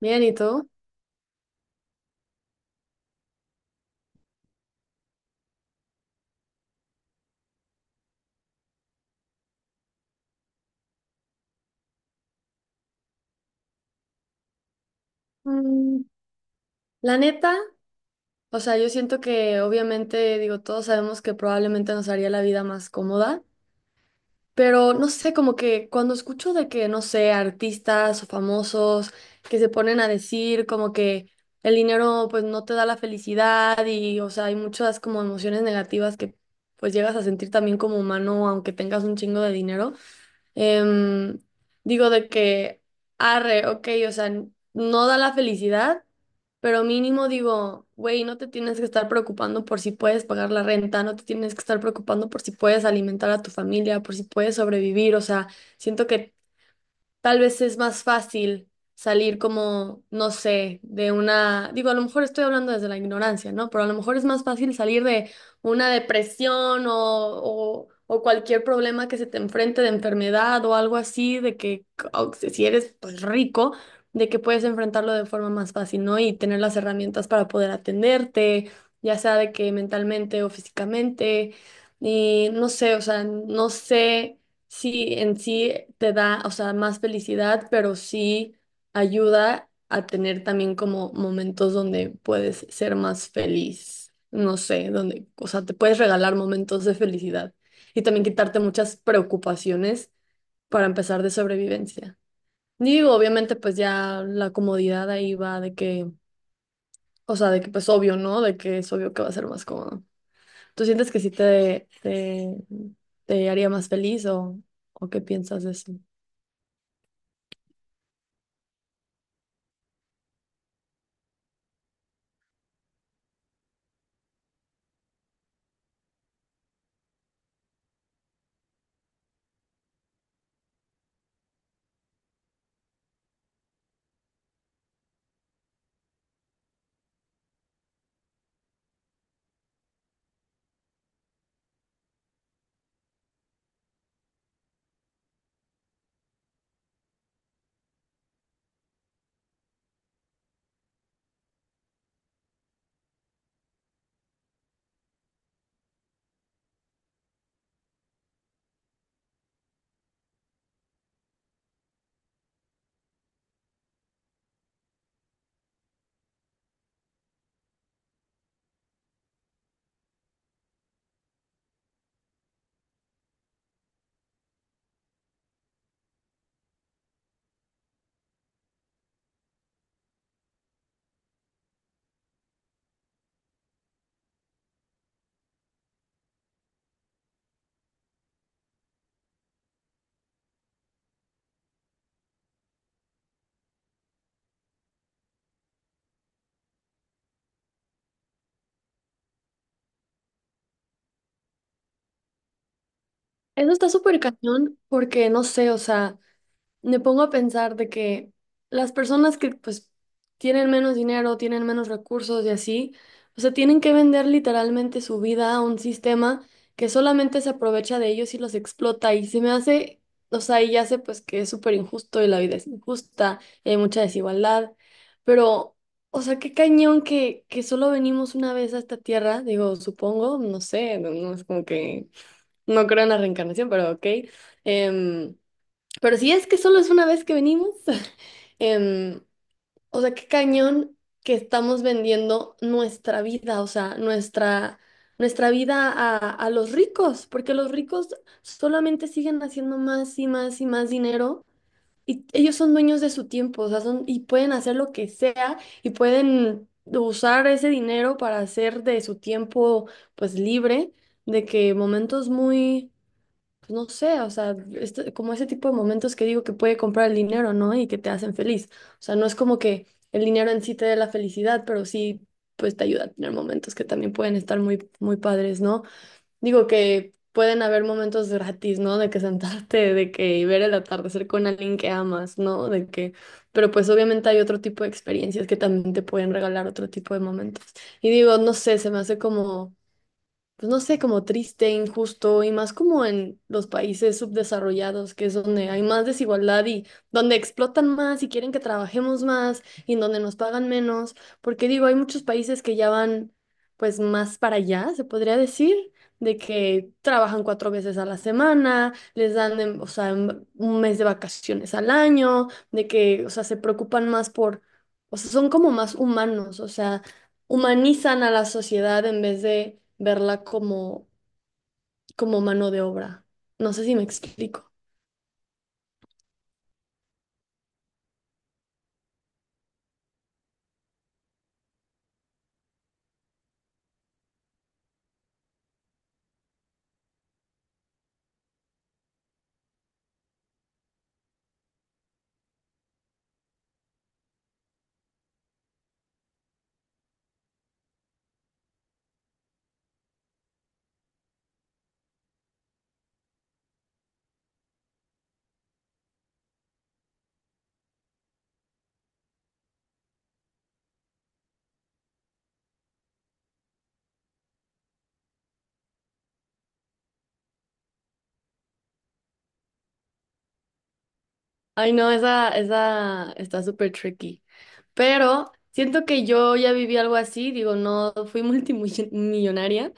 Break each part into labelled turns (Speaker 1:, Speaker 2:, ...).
Speaker 1: Bien, ¿y tú? Mm, la neta, o sea, yo siento que obviamente, digo, todos sabemos que probablemente nos haría la vida más cómoda, pero no sé, como que cuando escucho de que, no sé, artistas o famosos que se ponen a decir como que el dinero pues no te da la felicidad y, o sea, hay muchas como emociones negativas que pues llegas a sentir también como humano aunque tengas un chingo de dinero. Em, digo de que, arre, ok, o sea, no da la felicidad, pero mínimo digo, güey, no te tienes que estar preocupando por si puedes pagar la renta, no te tienes que estar preocupando por si puedes alimentar a tu familia, por si puedes sobrevivir, o sea, siento que tal vez es más fácil salir como, no sé, de una, digo, a lo mejor estoy hablando desde la ignorancia, ¿no? Pero a lo mejor es más fácil salir de una depresión o, o cualquier problema que se te enfrente de enfermedad o algo así, de que o que si eres pues rico, de que puedes enfrentarlo de forma más fácil, ¿no? Y tener las herramientas para poder atenderte, ya sea de que mentalmente o físicamente, y no sé, o sea, no sé sí en sí te da, o sea, más felicidad, pero sí ayuda a tener también como momentos donde puedes ser más feliz. No sé, donde, o sea, te puedes regalar momentos de felicidad y también quitarte muchas preocupaciones para empezar de sobrevivencia. Digo, obviamente, pues ya la comodidad ahí va de que, o sea, de que pues obvio, ¿no? De que es obvio que va a ser más cómodo. ¿Tú sientes que sí te haría más feliz o qué piensas de eso? Eso está súper cañón porque no sé, o sea, me pongo a pensar de que las personas que pues tienen menos dinero, tienen menos recursos y así, o sea, tienen que vender literalmente su vida a un sistema que solamente se aprovecha de ellos y los explota y se me hace, o sea, y ya sé pues que es súper injusto y la vida es injusta y hay mucha desigualdad, pero, o sea, qué cañón que solo venimos una vez a esta tierra, digo, supongo, no sé, no no es como que... No creo en la reencarnación, pero ok. Em, pero si es que solo es una vez que venimos, em, o sea, qué cañón que estamos vendiendo nuestra vida, o sea, nuestra vida a los ricos, porque los ricos solamente siguen haciendo más y más y más dinero y ellos son dueños de su tiempo, o sea, son, y pueden hacer lo que sea y pueden usar ese dinero para hacer de su tiempo, pues, libre, de que momentos muy pues, no sé, o sea, como ese tipo de momentos que digo que puede comprar el dinero, ¿no? Y que te hacen feliz. O sea, no es como que el dinero en sí te dé la felicidad, pero sí, pues te ayuda a tener momentos que también pueden estar muy, muy padres, ¿no? Digo que pueden haber momentos gratis, ¿no? De que sentarte, de que ver el atardecer con alguien que amas, ¿no? De que, pero pues obviamente hay otro tipo de experiencias que también te pueden regalar otro tipo de momentos. Y digo, no sé, se me hace como pues no sé, como triste, injusto y más como en los países subdesarrollados, que es donde hay más desigualdad y donde explotan más y quieren que trabajemos más y en donde nos pagan menos, porque digo, hay muchos países que ya van pues más para allá, se podría decir, de que trabajan cuatro veces a la semana, les dan, o sea, un mes de vacaciones al año, de que, o sea, se preocupan más por... O sea, son como más humanos, o sea, humanizan a la sociedad en vez de verla como, como mano de obra. No sé si me explico. Ay, no, esa está súper tricky. Pero siento que yo ya viví algo así, digo, no fui multimillonaria,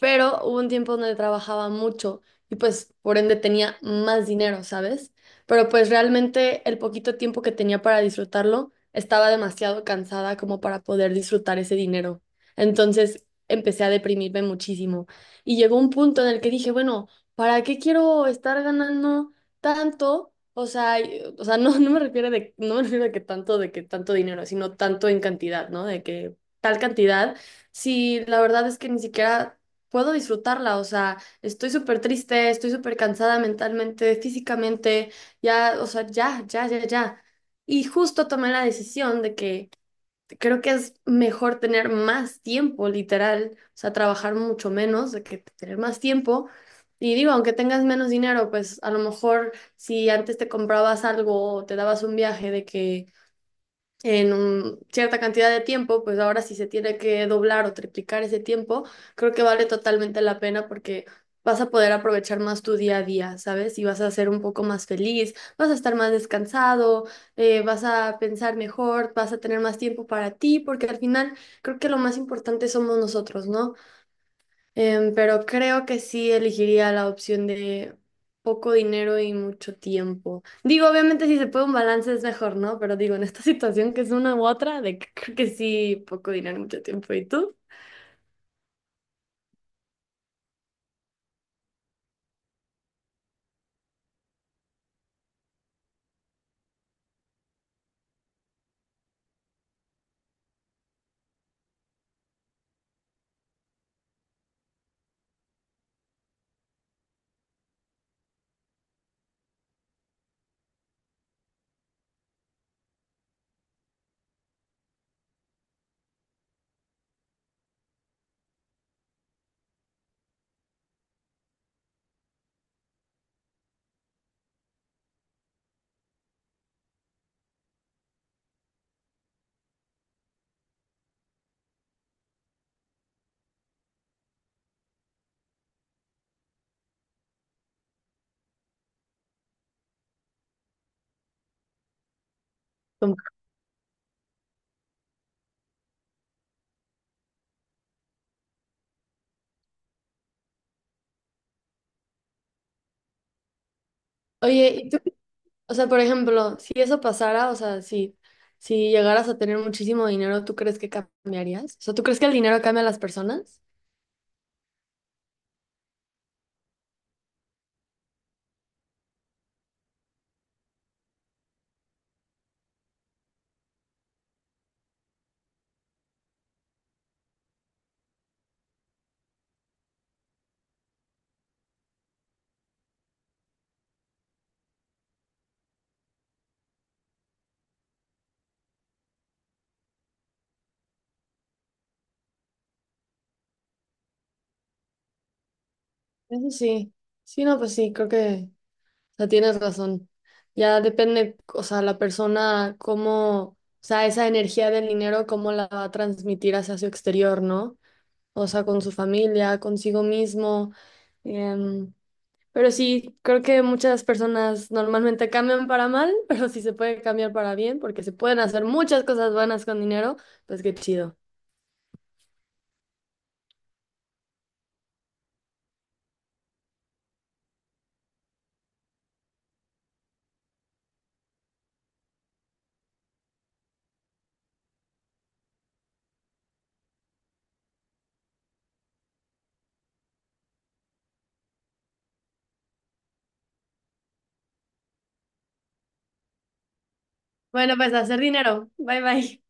Speaker 1: pero hubo un tiempo donde trabajaba mucho y pues por ende tenía más dinero, ¿sabes? Pero pues realmente el poquito tiempo que tenía para disfrutarlo, estaba demasiado cansada como para poder disfrutar ese dinero. Entonces empecé a deprimirme muchísimo y llegó un punto en el que dije, bueno, ¿para qué quiero estar ganando tanto, o sea, o sea, no, no me refiero de que tanto, dinero, sino tanto en cantidad, ¿no? De que tal cantidad, si la verdad es que ni siquiera puedo disfrutarla, o sea, estoy súper triste, estoy súper cansada mentalmente, físicamente, ya, o sea, ya, ya, ya, ya. Y justo tomé la decisión de que creo que es mejor tener más tiempo, literal, o sea, trabajar mucho menos de que tener más tiempo. Y digo, aunque tengas menos dinero, pues a lo mejor si antes te comprabas algo o te dabas un viaje de que cierta cantidad de tiempo, pues ahora si se tiene que doblar o triplicar ese tiempo, creo que vale totalmente la pena porque vas a poder aprovechar más tu día a día, ¿sabes? Y vas a ser un poco más feliz, vas a estar más descansado, vas a pensar mejor, vas a tener más tiempo para ti, porque al final creo que lo más importante somos nosotros, ¿no? Pero creo que sí elegiría la opción de poco dinero y mucho tiempo. Digo, obviamente si se puede un balance es mejor, ¿no? Pero digo, en esta situación que es una u otra, de que creo que sí, poco dinero y mucho tiempo. ¿Y tú? Como- Oye, ¿y tú? O sea, por ejemplo, si eso pasara, o sea, si llegaras a tener muchísimo dinero, ¿tú crees que cambiarías? O sea, ¿tú crees que el dinero cambia a las personas? Eso sí. Sí, no, pues sí, creo que... o sea, tienes razón. Ya depende, o sea, la persona, cómo, o sea, esa energía del dinero, cómo la va a transmitir hacia su exterior, ¿no? O sea, con su familia, consigo mismo. em, pero sí, creo que muchas personas normalmente cambian para mal, pero si se puede cambiar para bien, porque se pueden hacer muchas cosas buenas con dinero, pues qué chido. Bueno, pues a hacer dinero. Bye bye.